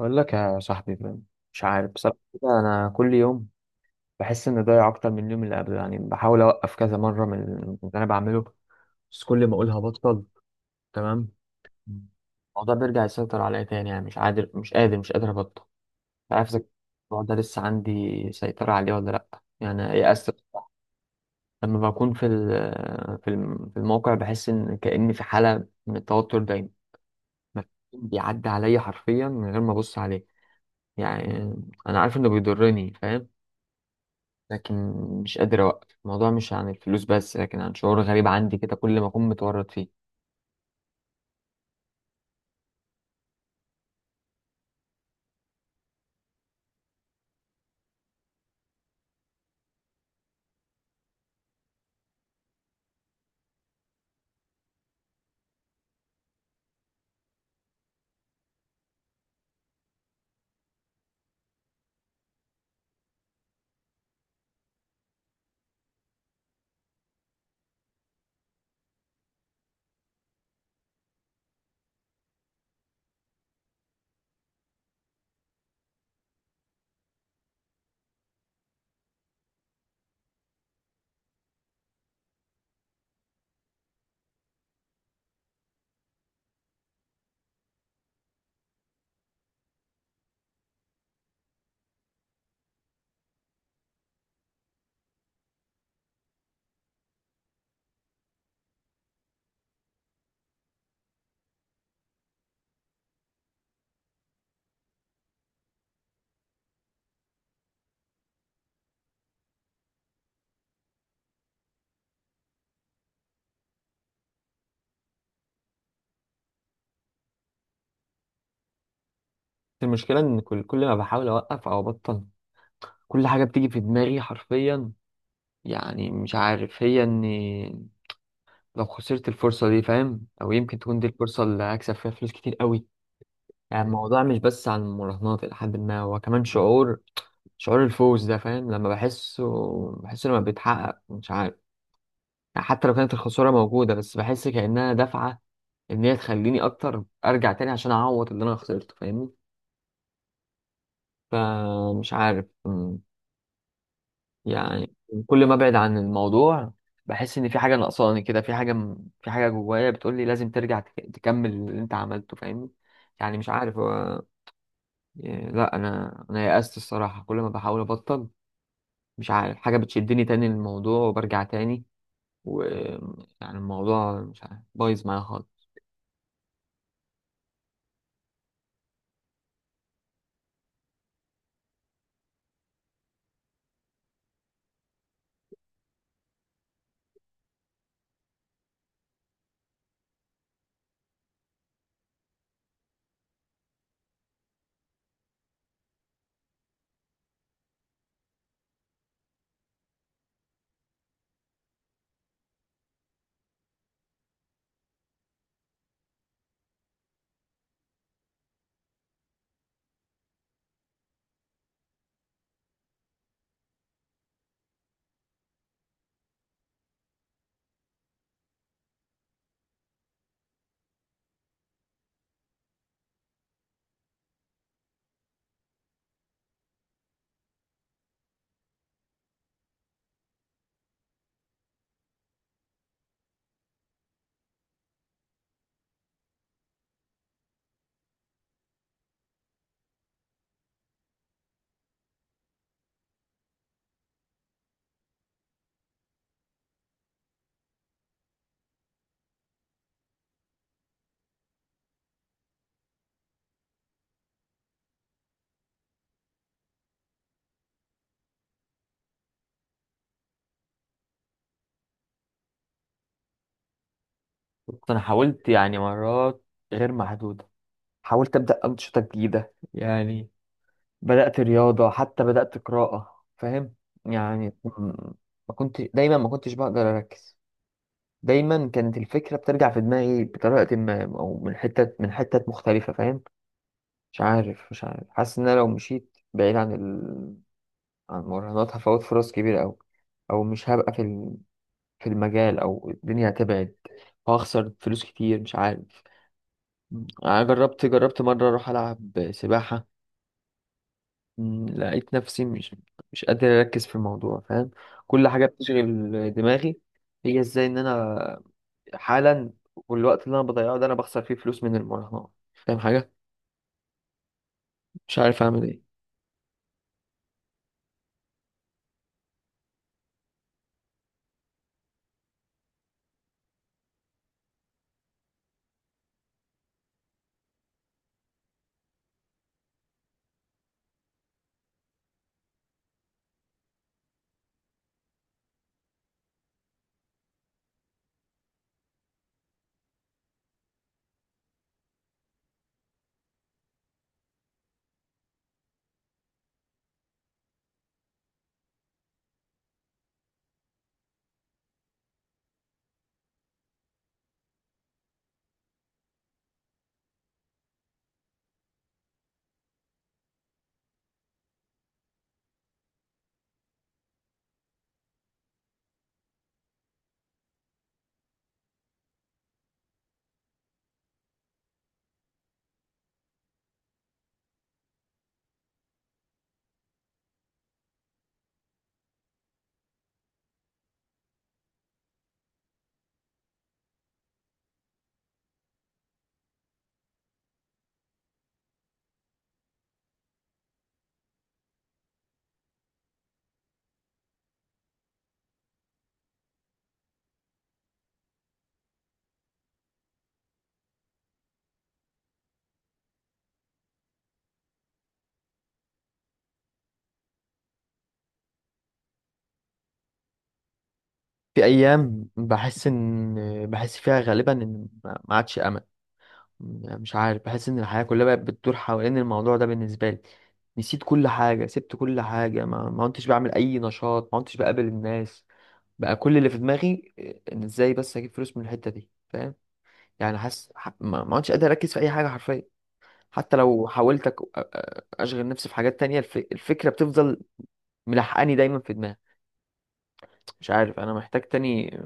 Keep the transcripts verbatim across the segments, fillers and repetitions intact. أقول لك يا صاحبي، مش عارف بصراحة كده. أنا كل يوم بحس إني ضايع أكتر من اليوم اللي قبله. يعني بحاول أوقف كذا مرة من من اللي أنا بعمله، بس كل ما أقولها بطل تمام، الموضوع بيرجع يسيطر عليا تاني. يعني مش قادر مش قادر مش قادر أبطل. مش عارف إذا الموضوع ده لسه عندي سيطرة عليه ولا لأ. يعني يأست بصراحة. لما بكون في ال- في الم- في الموقع بحس إن كأني في حالة من التوتر دايما، مفيش بيعدي عليا حرفيا من غير ما أبص عليه. يعني أنا عارف إنه بيضرني، فاهم؟ لكن مش قادر أوقف الموضوع. مش عن الفلوس بس، لكن عن شعور غريب عندي كده كل ما أكون متورط فيه. المشكلة إن كل كل ما بحاول أوقف أو أبطل، كل حاجة بتيجي في دماغي حرفيا. يعني مش عارف، هي إني لو خسرت الفرصة دي، فاهم؟ أو يمكن تكون دي الفرصة اللي هكسب فيها فلوس كتير قوي. يعني الموضوع مش بس عن المراهنات، إلى حد ما هو كمان شعور. شعور الفوز ده، فاهم؟ لما بحسه، بحسه لما بيتحقق، مش عارف. يعني حتى لو كانت الخسارة موجودة، بس بحس كأنها دفعة إن هي تخليني أكتر أرجع تاني عشان أعوض اللي أنا خسرته، فاهمني؟ فمش عارف، أمم، يعني كل ما أبعد عن الموضوع بحس إن في حاجة ناقصاني كده، في حاجة م- في حاجة جوايا بتقولي لازم ترجع تك- تكمل اللي أنت عملته، فاهمني؟ يعني مش عارف هو. يعني لا، أنا أنا يأست الصراحة. كل ما بحاول أبطل، مش عارف حاجة بتشدني تاني للموضوع وبرجع تاني. ويعني الموضوع مش عارف، بايظ معايا خالص. بص، انا حاولت يعني مرات غير محدودة. حاولت ابدا انشطة جديدة. يعني بدات رياضة، حتى بدات قراءة، فاهم؟ يعني م- ما كنت دايما، ما كنتش بقدر اركز. دايما كانت الفكرة بترجع في دماغي بطريقة ما، او من حتة من حتة مختلفة، فاهم؟ مش عارف مش عارف حاسس ان انا لو مشيت بعيد عن ال... عن المراهنات هفوت فرص كبيرة أوي، او مش هبقى في ال... في المجال، او الدنيا هتبعد وهخسر فلوس كتير، مش عارف. أنا جربت، جربت مرة أروح ألعب سباحة، مم، لقيت نفسي مش مش قادر أركز في الموضوع، فاهم؟ كل حاجة بتشغل دماغي. هي إزاي إن أنا حالا، والوقت اللي أنا بضيعه ده أنا بخسر فيه فلوس من المراهنات، فاهم حاجة؟ مش عارف أعمل إيه. في أيام بحس إن، بحس فيها غالبا إن ما ما عادش أمل. يعني مش عارف، بحس إن الحياة كلها بقت بتدور حوالين الموضوع ده بالنسبة لي. نسيت كل حاجة، سبت كل حاجة، ما ما كنتش بعمل أي نشاط، ما كنتش بقابل الناس. بقى كل اللي في دماغي، آه، ان ازاي بس اجيب فلوس من الحته دي، فاهم؟ يعني حاسس، ح- ما ما عدتش قادر اركز في اي حاجه حرفيا. حتى لو حاولت أك- أ- أ- اشغل نفسي في حاجات تانية، الف... الفكره بتفضل ملحقاني دايما في دماغي. مش عارف، انا محتاج تاني.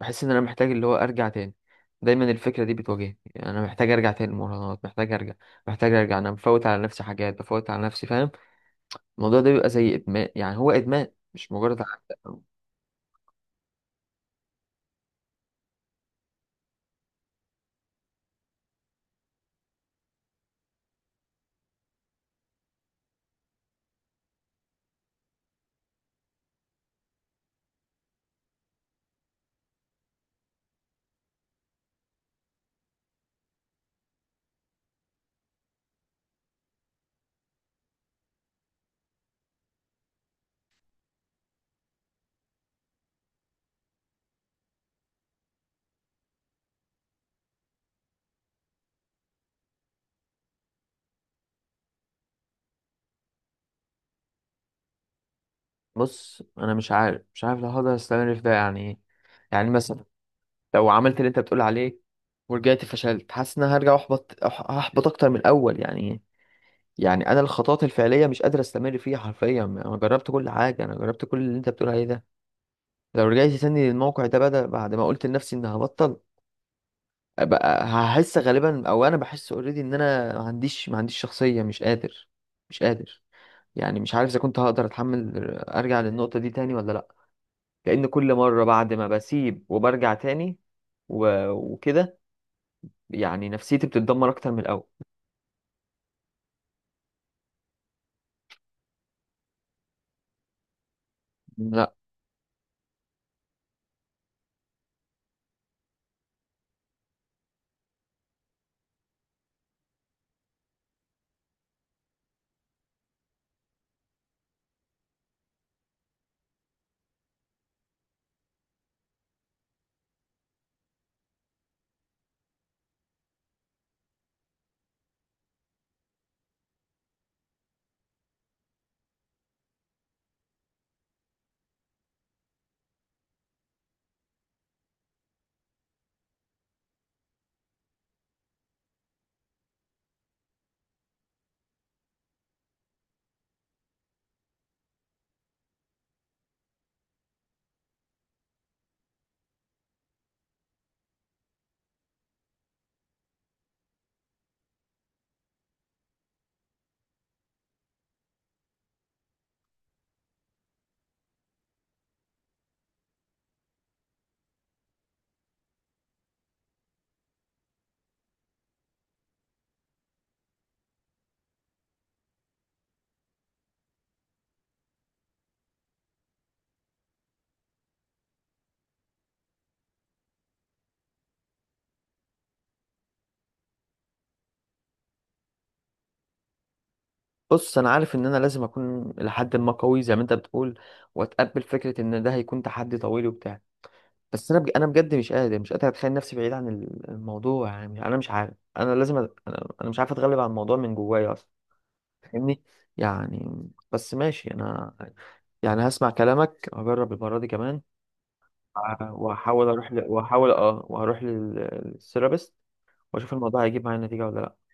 بحس ان انا محتاج اللي هو ارجع تاني. دايما الفكره دي بتواجهني. يعني انا محتاج ارجع تاني المراهنات، محتاج ارجع، محتاج ارجع. انا مفوت على نفسي حاجات، بفوت على نفسي، فاهم؟ الموضوع ده بيبقى زي ادمان. يعني هو ادمان، مش مجرد عادة. بص، انا مش عارف مش عارف لو هقدر استمر في ده يعني إيه. يعني مثلا لو عملت اللي انت بتقول عليه ورجعت فشلت، حاسس ان انا هرجع احبط، أح- هحبط اكتر من الاول. يعني يعني انا الخطوات الفعليه مش قادر استمر فيها حرفيا. انا جربت كل حاجه، انا جربت كل اللي انت بتقول عليه ده. لو رجعت تاني للموقع ده بدل بعد ما قلت لنفسي ان هبطل، بقى هحس غالبا، او انا بحس اوريدي، ان انا ما عنديش ما عنديش شخصيه، مش قادر، مش قادر. يعني مش عارف اذا كنت هقدر اتحمل ارجع للنقطه دي تاني ولا لا. لان كل مره بعد ما بسيب وبرجع تاني و- وكده يعني نفسيتي بتتدمر اكتر من الاول. لا. بص، انا عارف ان انا لازم اكون لحد ما قوي زي ما انت بتقول، واتقبل فكره ان ده هيكون تحدي طويل وبتاع. بس انا بج... انا بجد مش قادر مش قادر اتخيل نفسي بعيد عن ال- الموضوع. يعني انا مش عارف، انا لازم أ... انا أنا مش عارف اتغلب على الموضوع من جوايا اصلا، فاهمني؟ يعني بس ماشي، انا يعني هسمع كلامك، هجرب المره دي كمان. وهحاول اروح ل... وهحاول اه وهروح للثيرابيست، واشوف الموضوع هيجيب معايا نتيجه ولا لا